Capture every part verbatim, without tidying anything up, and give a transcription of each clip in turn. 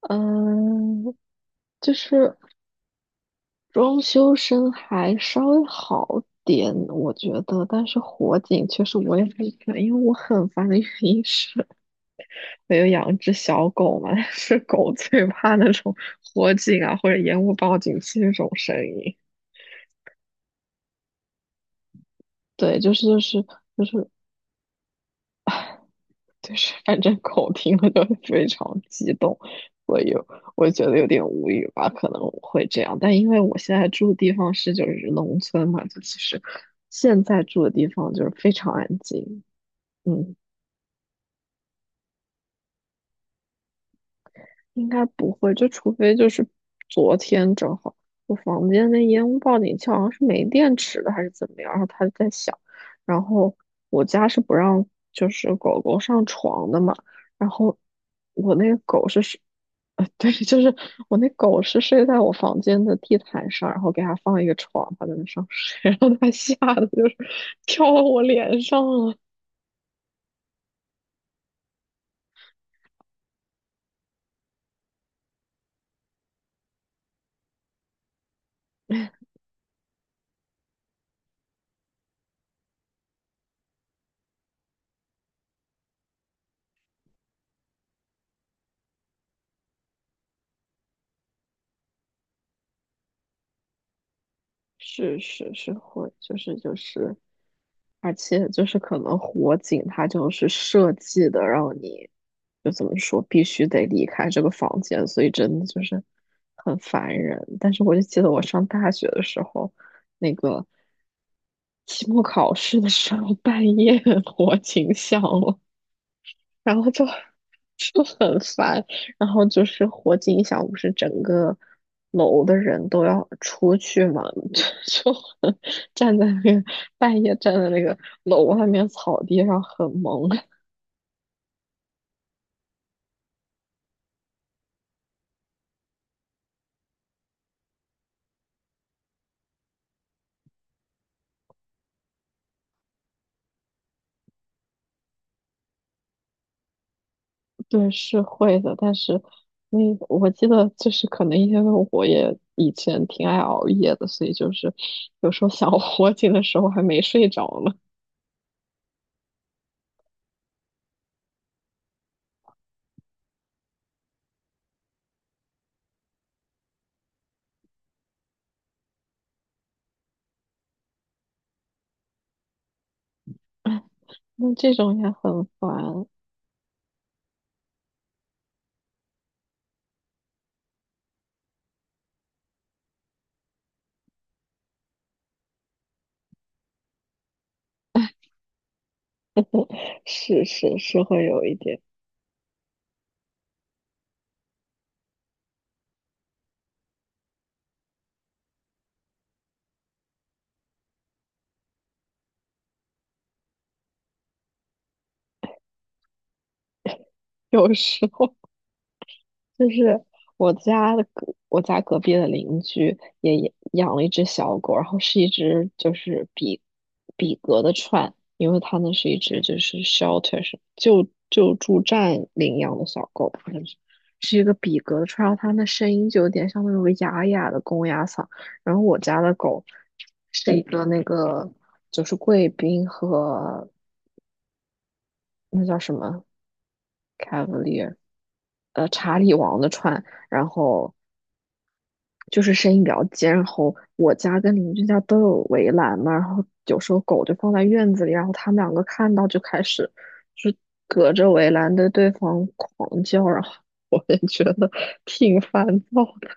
嗯，就是装修声还稍微好点，我觉得，但是火警确实我也很烦，因为我很烦的原因是，我有养一只小狗嘛，但是狗最怕那种火警啊或者烟雾报警器这种声音。对，就是就是就是就是反正口听了都非常激动，所以我觉得有点无语吧，可能我会这样。但因为我现在住的地方是就是农村嘛，就其实现在住的地方就是非常安静，嗯。应该不会，就除非就是昨天正好我房间那烟雾报警器好像是没电池了还是怎么样，然后它在响，然后我家是不让就是狗狗上床的嘛，然后我那个狗是睡，呃，对，就是我那狗是睡在我房间的地毯上，然后给它放一个床，它在那上睡，然后它吓得就是 跳到我脸上了，是是是会，就是就是。而且就是可能火警它就是设计的，让你就怎么说，必须得离开这个房间，所以真的就是很烦人。但是我就记得我上大学的时候，那个期末考试的时候，半夜 火警响了，然后就 就很烦，然后就是火警一响，不是整个楼的人都要出去嘛，就就很站在那个半夜站在那个楼外面草地上很萌，对，是会的，但是那我记得就是可能因为我也以前挺爱熬夜的，所以就是有时候想火警的时候还没睡着呢，那这种也很烦，是是是会有一点，有时候。就是我家的隔，我家隔壁的邻居也也养了一只小狗，然后是一只就是比比格的串，因为它那是一只就是 shelter 是救救助站领养的小狗，好像是是一个比格的串，然后它那声音就有点像那种哑哑的公鸭嗓。然后我家的狗是一个那个就是贵宾和那叫什么 Cavalier，呃，查理王的串。然后就是声音比较尖，然后我家跟邻居家都有围栏嘛，然后有时候狗就放在院子里，然后他们两个看到就开始就是隔着围栏对对方狂叫，然后 我也觉得挺烦躁的。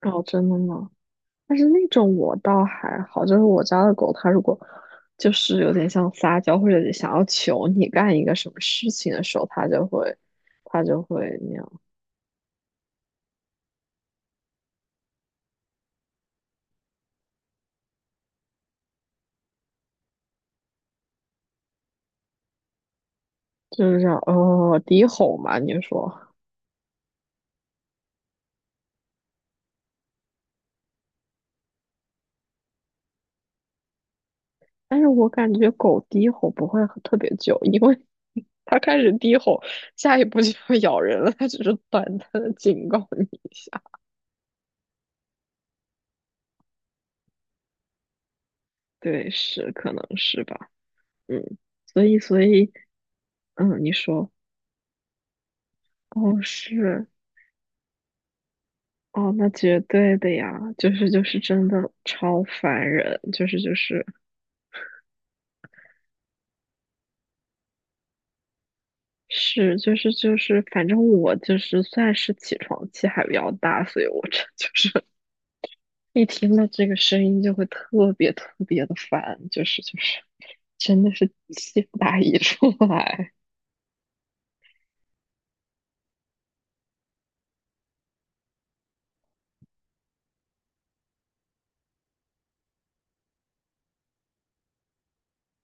哦，真的吗？但是那种我倒还好，就是我家的狗，它如果就是有点像撒娇或者想要求你干一个什么事情的时候，它就会它就会那样，就是这样哦低吼嘛，你说。但是我感觉狗低吼不会很特别久，因为 它开始低吼，下一步就要咬人了。它只是短暂的警告你一下。对，是，可能是吧。嗯，所以，所以，嗯，你说，哦，是，哦，那绝对的呀，就是就是真的超烦人，就是就是是就是就是，反正我就是算是起床气还比较大，所以我这就是一听到这个声音就会特别特别的烦，就是就是，真的是气不打一处来。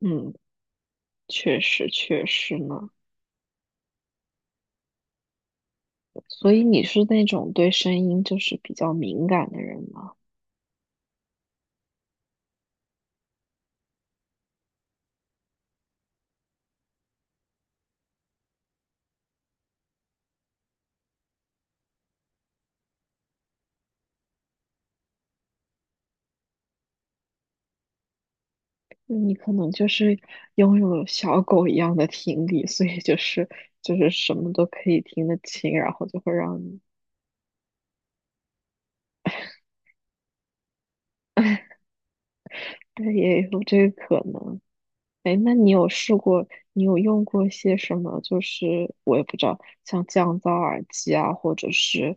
嗯，确实确实呢。所以你是那种对声音就是比较敏感的人吗？那你可能就是拥有了小狗一样的听力，所以就是就是什么都可以听得清，然后就会让你，对，也有这个可能。哎，那你有试过，你有用过一些什么？就是我也不知道，像降噪耳机啊，或者是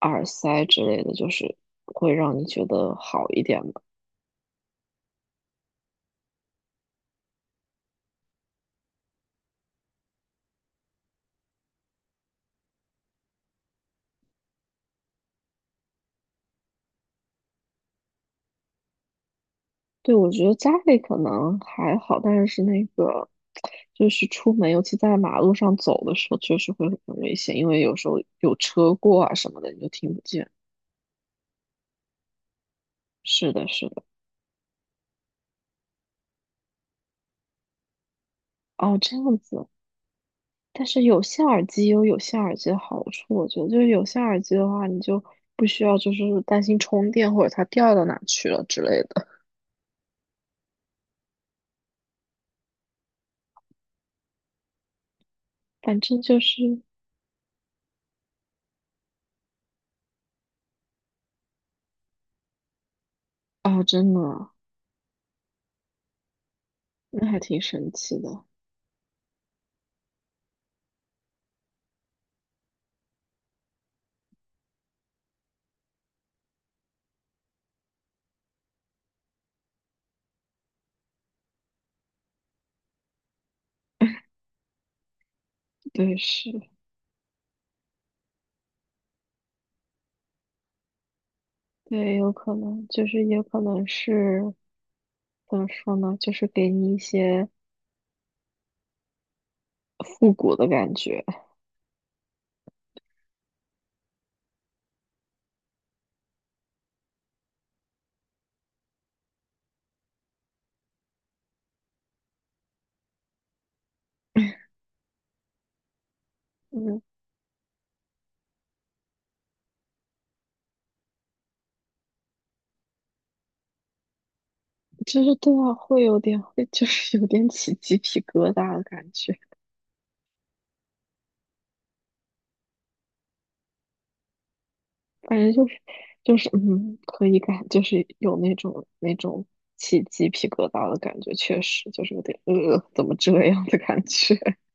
耳塞之类的，就是会让你觉得好一点吗？对，我觉得家里可能还好，但是那个就是出门，尤其在马路上走的时候，确实会很危险，因为有时候有车过啊什么的，你就听不见。是的，是的。哦，这样子。但是有线耳机也有有线耳机的好处，我觉得就是有线耳机的话，你就不需要就是担心充电或者它掉到哪去了之类的。反正就是哦，真的啊，那还挺神奇的。对，是，对，有可能就是也可能是怎么说呢，就是给你一些复古的感觉。嗯，就是对啊，会有点会就是有点起鸡皮疙瘩的感觉。反正就是就是嗯，可以感就是有那种那种起鸡皮疙瘩的感觉，确实就是有点呃，怎么这样的感觉？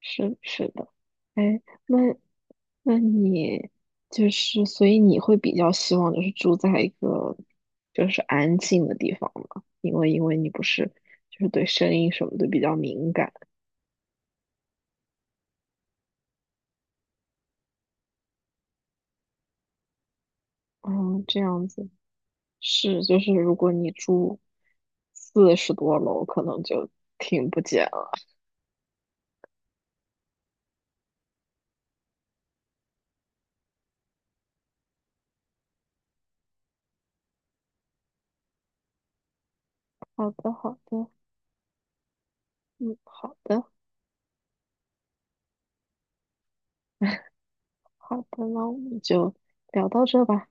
是是的，哎，那那你就是，所以你会比较希望就是住在一个就是安静的地方吗？因为因为你不是就是对声音什么的比较敏感，嗯，这样子是就是如果你住四十多楼，可能就听不见。好的，好的，嗯，好的，好的，那我们就聊到这吧。